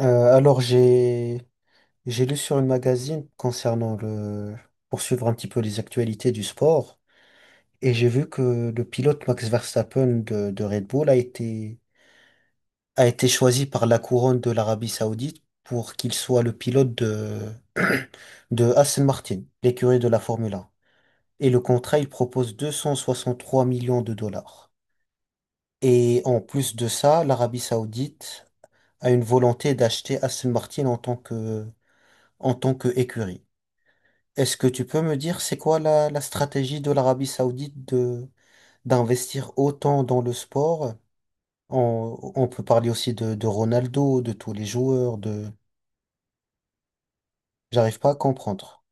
Alors j'ai lu sur une magazine concernant le poursuivre un petit peu les actualités du sport. Et j'ai vu que le pilote Max Verstappen de Red Bull a été choisi par la couronne de l'Arabie Saoudite pour qu'il soit le pilote de Aston Martin, l'écurie de la Formule 1. Et le contrat, il propose 263 millions de dollars. Et en plus de ça, l'Arabie Saoudite a une volonté d'acheter Aston Martin en tant que écurie. Est-ce que tu peux me dire c'est quoi la stratégie de l'Arabie Saoudite de d'investir autant dans le sport? On peut parler aussi de Ronaldo, de tous les joueurs, de... J'arrive pas à comprendre.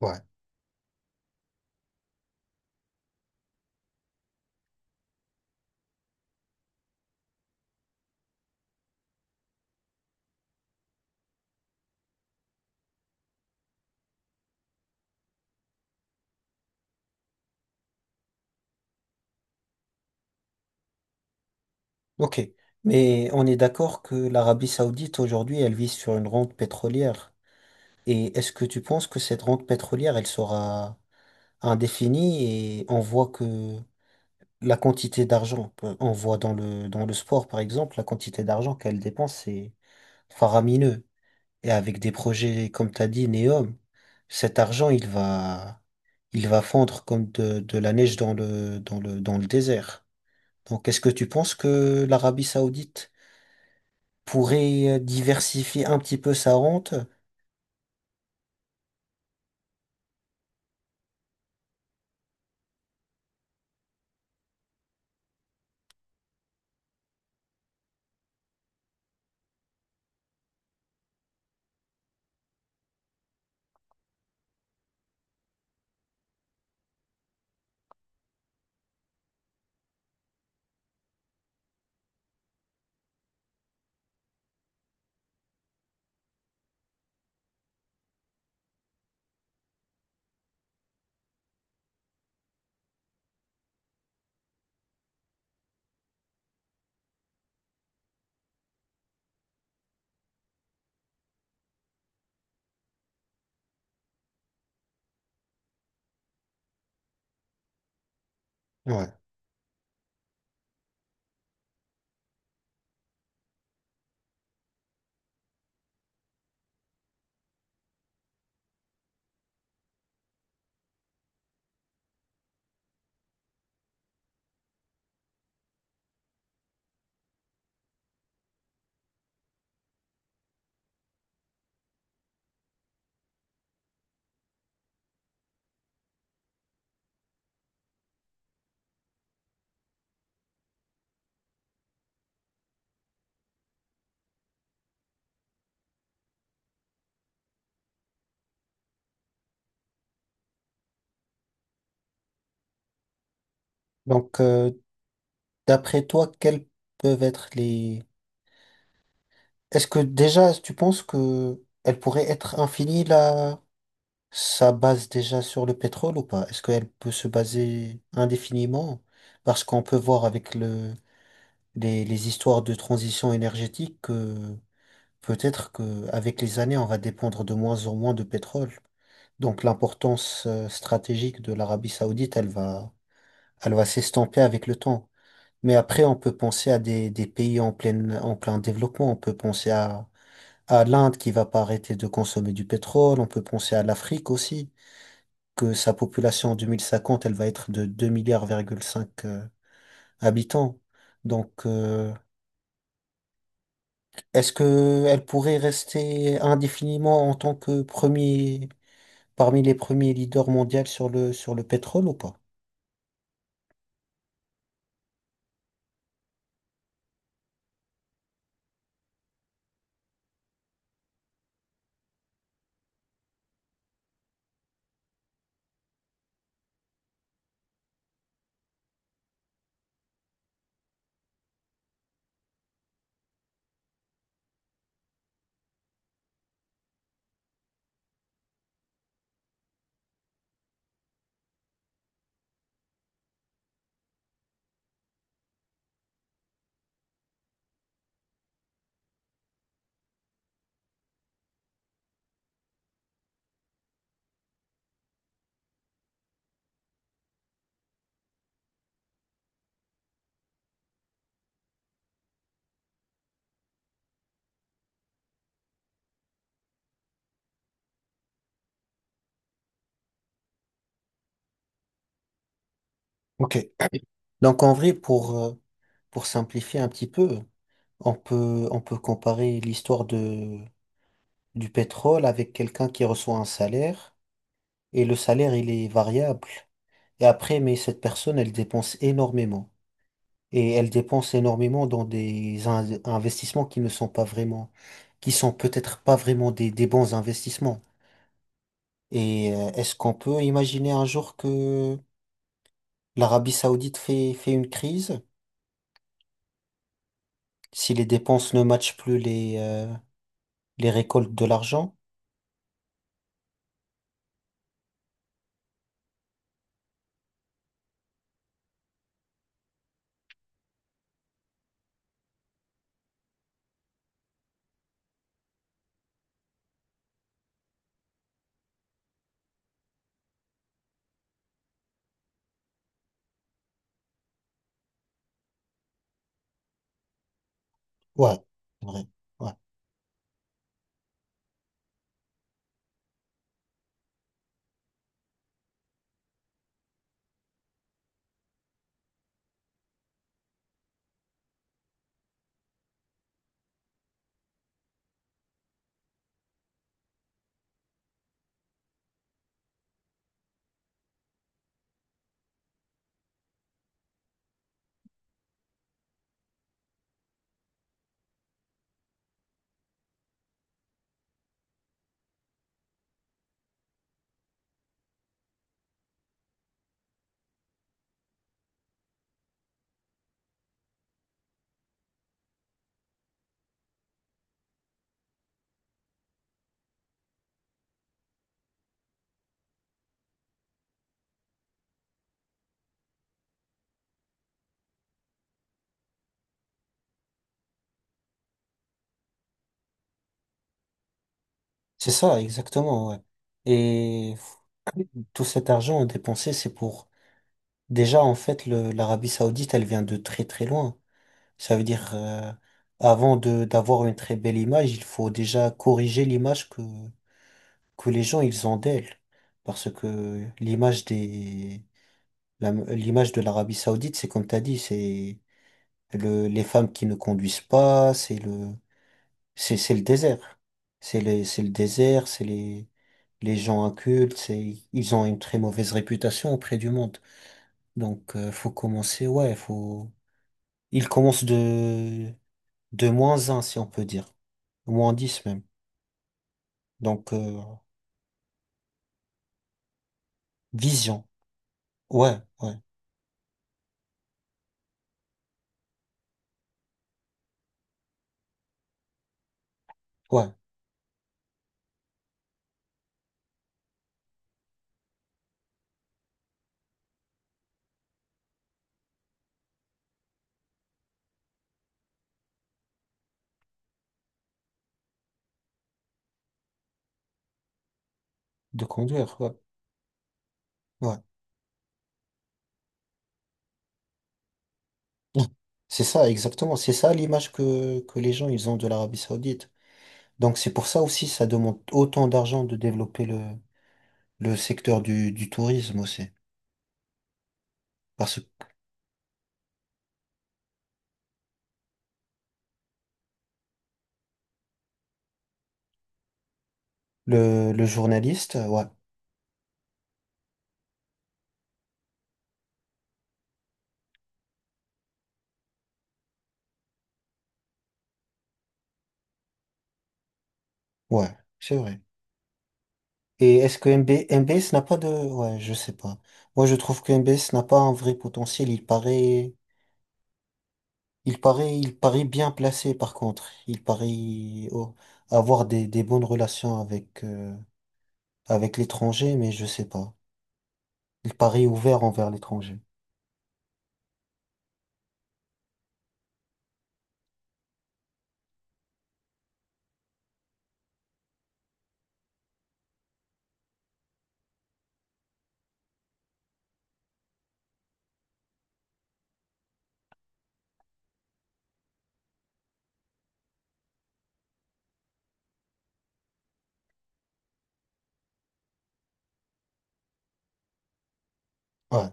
Ouais. Ok. Mais on est d'accord que l'Arabie Saoudite aujourd'hui, elle vise sur une rente pétrolière. Et est-ce que tu penses que cette rente pétrolière, elle sera indéfinie? Et on voit que la quantité d'argent, on voit dans le sport par exemple, la quantité d'argent qu'elle dépense, c'est faramineux. Et avec des projets, comme tu as dit, Neom, cet argent, il va fondre comme de la neige dans le désert. Donc, est-ce que tu penses que l'Arabie Saoudite pourrait diversifier un petit peu sa rente? Ouais. Donc, d'après toi, quelles peuvent être les... Est-ce que déjà, tu penses que elle pourrait être infinie, là, sa base déjà sur le pétrole ou pas? Est-ce qu'elle peut se baser indéfiniment? Parce qu'on peut voir avec le les histoires de transition énergétique que peut-être que avec les années, on va dépendre de moins en moins de pétrole. Donc l'importance stratégique de l'Arabie Saoudite, elle va s'estomper avec le temps. Mais après, on peut penser à des pays en plein développement. On peut penser à l'Inde qui va pas arrêter de consommer du pétrole. On peut penser à l'Afrique aussi, que sa population en 2050 elle va être de deux virgule cinq milliards,5 habitants. Donc, est-ce que elle pourrait rester indéfiniment en tant que premier, parmi les premiers leaders mondiaux sur le pétrole ou pas? Ok. Donc en vrai, pour simplifier un petit peu, on peut comparer l'histoire du pétrole avec quelqu'un qui reçoit un salaire, et le salaire, il est variable. Et après, mais cette personne, elle dépense énormément. Et elle dépense énormément dans des investissements qui ne sont pas vraiment, qui sont peut-être pas vraiment des bons investissements. Et est-ce qu'on peut imaginer un jour que l'Arabie Saoudite fait une crise si les dépenses ne matchent plus les récoltes de l'argent? Ouais, c'est vrai. Ouais. C'est ça, exactement, ouais. Et tout cet argent dépensé, c'est pour... Déjà, en fait, l'Arabie Saoudite, elle vient de très très loin. Ça veut dire, avant de d'avoir une très belle image, il faut déjà corriger l'image que les gens, ils ont d'elle. Parce que l'image des... L'image de l'Arabie Saoudite, c'est comme t'as dit, c'est le, les femmes qui ne conduisent pas, c'est le, c'est le désert. C'est les, c'est le désert, c'est les gens incultes, c'est, ils ont une très mauvaise réputation auprès du monde. Donc, faut commencer, ouais, faut, ils commencent de -1 si on peut dire. -10 même. Donc, vision. Ouais, ouais, ouais. De conduire, ouais, ouais. Mm. C'est ça, exactement. C'est ça l'image que les gens, ils ont de l'Arabie Saoudite. Donc, c'est pour ça aussi, ça demande autant d'argent de développer le secteur du tourisme aussi. Parce que le journaliste, ouais, ouais, c'est vrai. Et est-ce que MBS n'a pas de... Ouais, je sais pas. Moi, je trouve que MBS n'a pas un vrai potentiel. Il paraît bien placé, par contre. Il paraît oh, avoir des bonnes relations avec, avec l'étranger, mais je sais pas. Il paraît ouvert envers l'étranger. Ouais,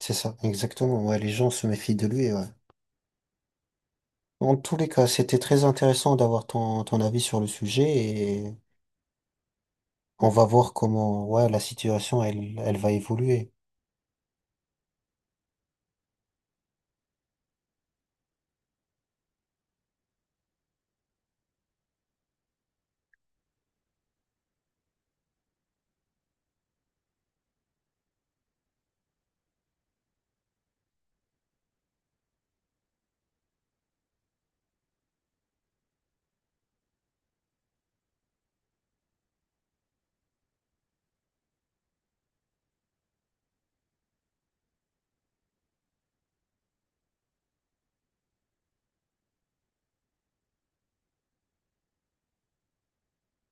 c'est ça, exactement. Ouais, les gens se méfient de lui, ouais. En tous les cas, c'était très intéressant d'avoir ton avis sur le sujet. On va voir comment, ouais, la situation, elle va évoluer.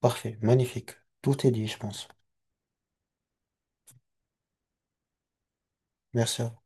Parfait, magnifique. Tout est dit, je pense. Merci. À